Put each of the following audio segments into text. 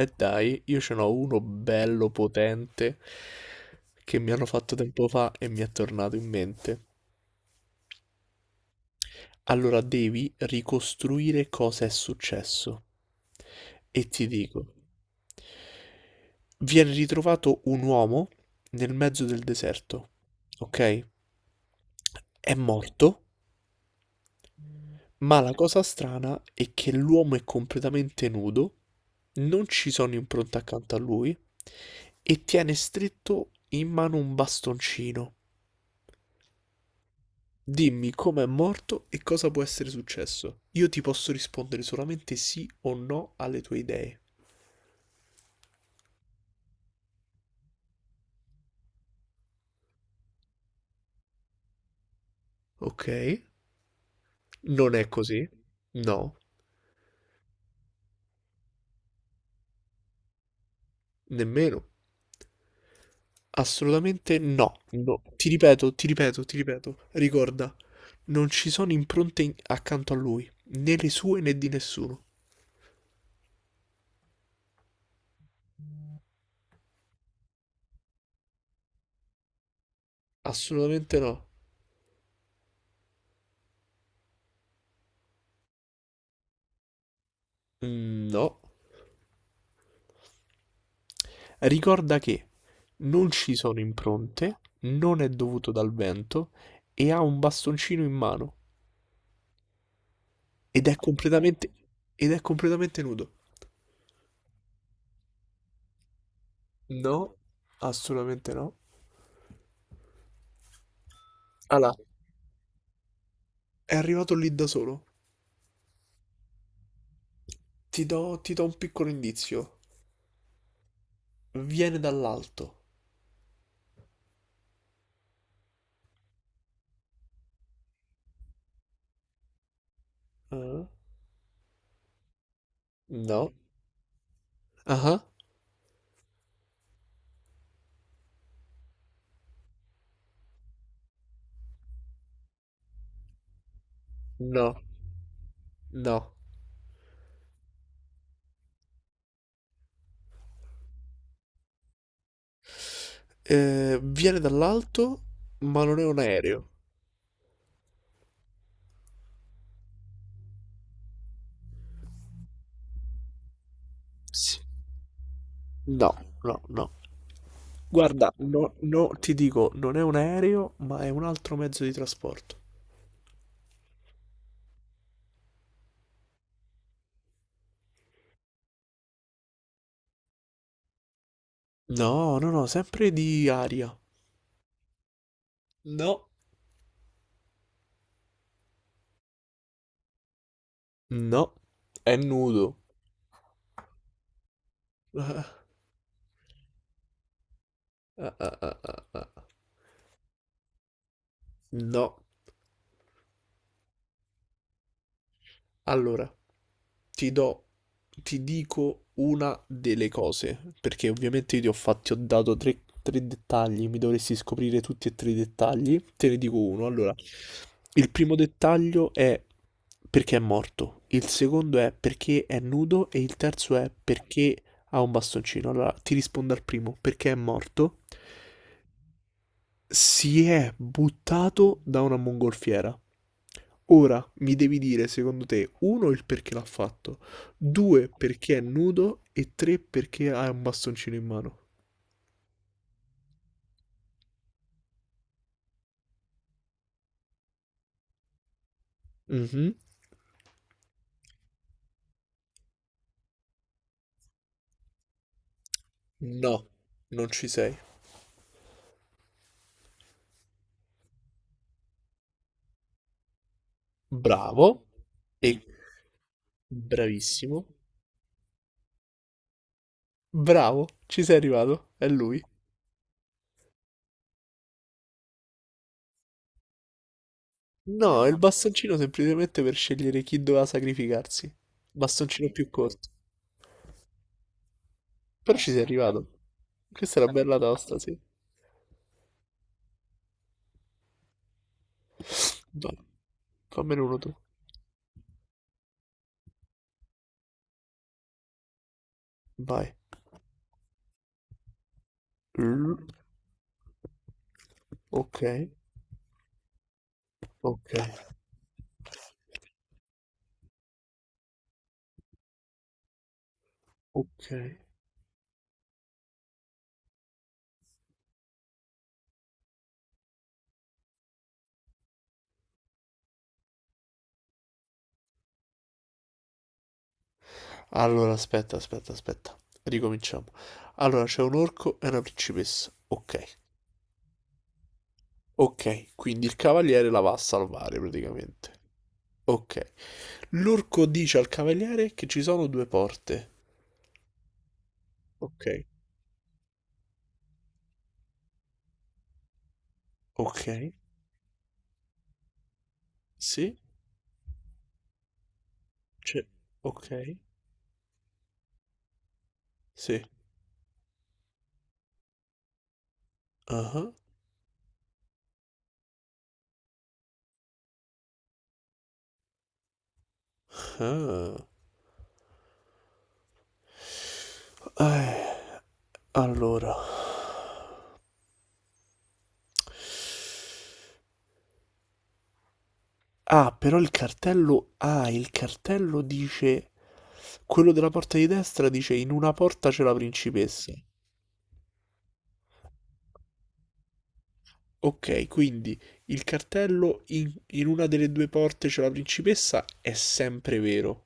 E dai, io ce n'ho uno bello potente che mi hanno fatto tempo fa e mi è tornato in mente. Allora devi ricostruire cosa è successo. E ti dico, viene ritrovato un uomo nel mezzo del deserto, ok? È morto, ma la cosa strana è che l'uomo è completamente nudo, non ci sono impronte accanto a lui e tiene stretto in mano un bastoncino. Dimmi com'è morto e cosa può essere successo. Io ti posso rispondere solamente sì o no alle tue idee. Ok? Non è così? No, nemmeno. Assolutamente no. No. Ti ripeto. Ricorda, non ci sono impronte accanto a lui, né le sue né di nessuno. Assolutamente no. Mm, no. Ricorda che non ci sono impronte, non è dovuto dal vento e ha un bastoncino in mano. Ed è completamente, ed è completamente nudo. No, assolutamente no. Allora, è arrivato lì da solo. Ti do un piccolo indizio. Viene dall'alto. Ah? No. Ah? No. No. Viene dall'alto, ma non è un aereo. Sì. No. Guarda, ti dico, non è un aereo, ma è un altro mezzo di trasporto. No, sempre di aria. No, no, è nudo. Ah, ah, ah, ah, ah, ah. No, allora ti do, ti dico una delle cose, perché ovviamente io ti ho fatti, ho dato tre dettagli, mi dovresti scoprire tutti e tre i dettagli, te ne dico uno. Allora, il primo dettaglio è perché è morto, il secondo è perché è nudo e il terzo è perché ha un bastoncino. Allora, ti rispondo al primo, perché è morto. Si è buttato da una mongolfiera. Ora mi devi dire, secondo te, uno, il perché l'ha fatto, due, perché è nudo e tre, perché ha un bastoncino in mano. Mhm. No, non ci sei. Bravo. E bravissimo. Bravo, ci sei arrivato. È lui. No, è il bastoncino semplicemente per scegliere chi doveva sacrificarsi. Bastoncino più corto. Però ci sei arrivato. Questa è una bella tosta, sì. Fammene uno tu. Vai. Mm, ok, ok, ok. Allora, aspetta. Ricominciamo. Allora, c'è un orco e una principessa. Ok, ok. Quindi il cavaliere la va a salvare praticamente. Ok. L'orco dice al cavaliere che ci sono due porte. Ok, ok. Sì, c'è. Ok, sì. Ah, ah. Eh, allora, Ah, però il cartello dice, quello della porta di destra dice in una porta c'è la principessa. Ok, quindi il cartello in una delle due porte c'è la principessa è sempre vero.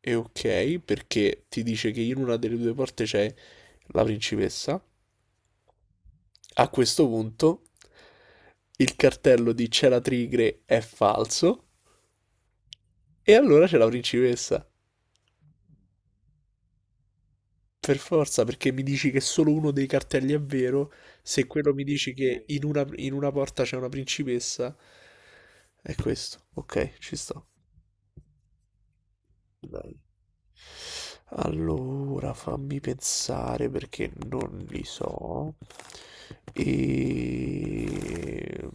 E ok, perché ti dice che in una delle due porte c'è la principessa. A questo punto il cartello di c'è la tigre è falso e allora c'è la principessa. Per forza, perché mi dici che solo uno dei cartelli è vero, se quello mi dici che in in una porta c'è una principessa, è questo. Ok, ci sto. Dai. Allora, fammi pensare perché non li so. E...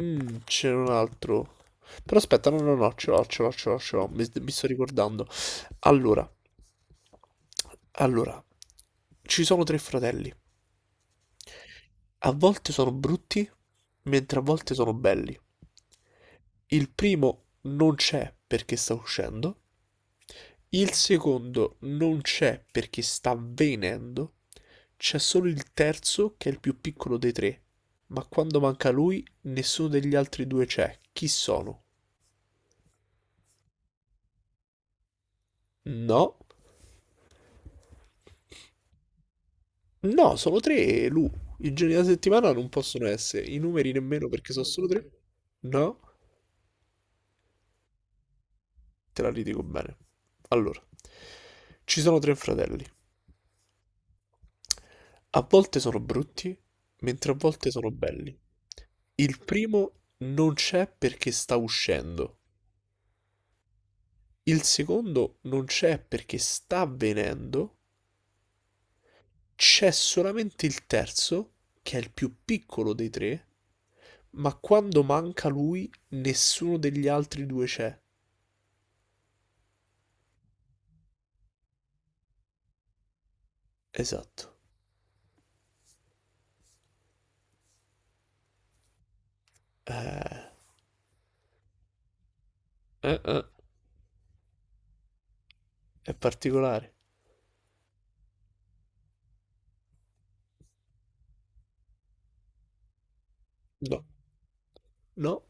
mm, c'era un altro. Però aspetta, no, no, no, ce l'ho. Mi sto ricordando. Allora, allora, ci sono tre fratelli. A volte sono brutti, mentre a volte sono belli. Il primo non c'è perché sta uscendo. Il secondo non c'è perché sta venendo. C'è solo il terzo che è il più piccolo dei tre. Ma quando manca lui, nessuno degli altri due c'è. Chi sono? No, no, sono tre e Lu. I giorni della settimana non possono essere, i numeri nemmeno perché sono solo tre. No, te la ridico bene. Allora, ci sono tre fratelli. A volte sono brutti, mentre a volte sono belli. Il primo non c'è perché sta uscendo. Il secondo non c'è perché sta avvenendo. C'è solamente il terzo, che è il più piccolo dei tre, ma quando manca lui, nessuno degli altri due c'è. Esatto. Eh, eh, eh, è particolare. No, no,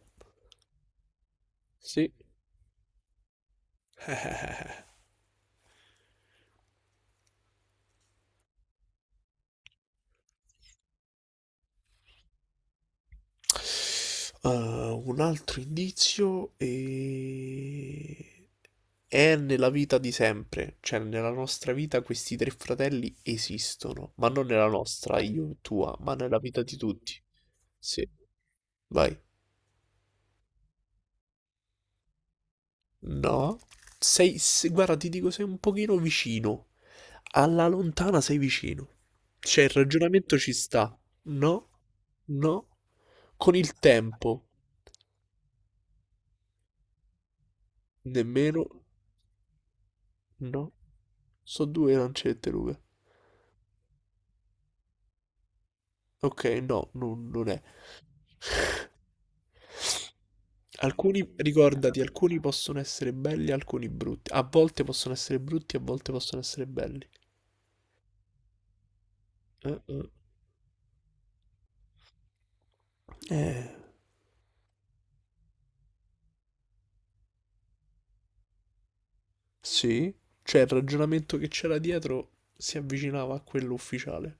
sì. Eh, uh, un altro indizio e... è nella vita di sempre, cioè nella nostra vita questi tre fratelli esistono, ma non nella nostra, io e tua, ma nella vita di tutti. Sì, vai. No, sei, se- guarda, ti dico, sei un pochino vicino. Alla lontana sei vicino. Cioè, il ragionamento ci sta. No, no. Con il tempo, nemmeno, no. So due lancette, Luca. Ok, no, non è. Alcuni, ricordati, alcuni possono essere belli, alcuni brutti. A volte possono essere brutti, a volte possono essere belli. Eh, eh. Sì, cioè il ragionamento che c'era dietro si avvicinava a quello ufficiale.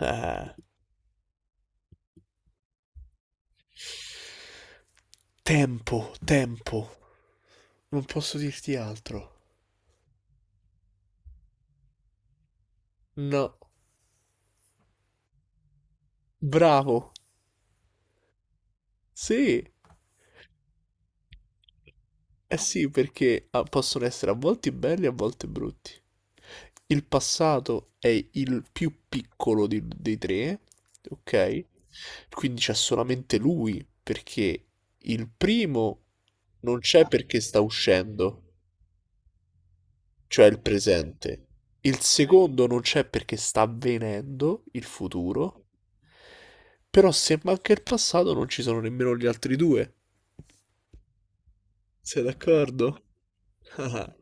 Eh. Tempo. Non posso dirti altro. No. Bravo. Sì. Eh sì, perché ah, possono essere a volte belli e a volte brutti. Il passato è il più piccolo dei tre, ok? Quindi c'è solamente lui, perché il primo non c'è perché sta uscendo. Cioè il presente. Il secondo non c'è perché sta avvenendo, il futuro. Però se manca il passato non ci sono nemmeno gli altri due. Sei d'accordo?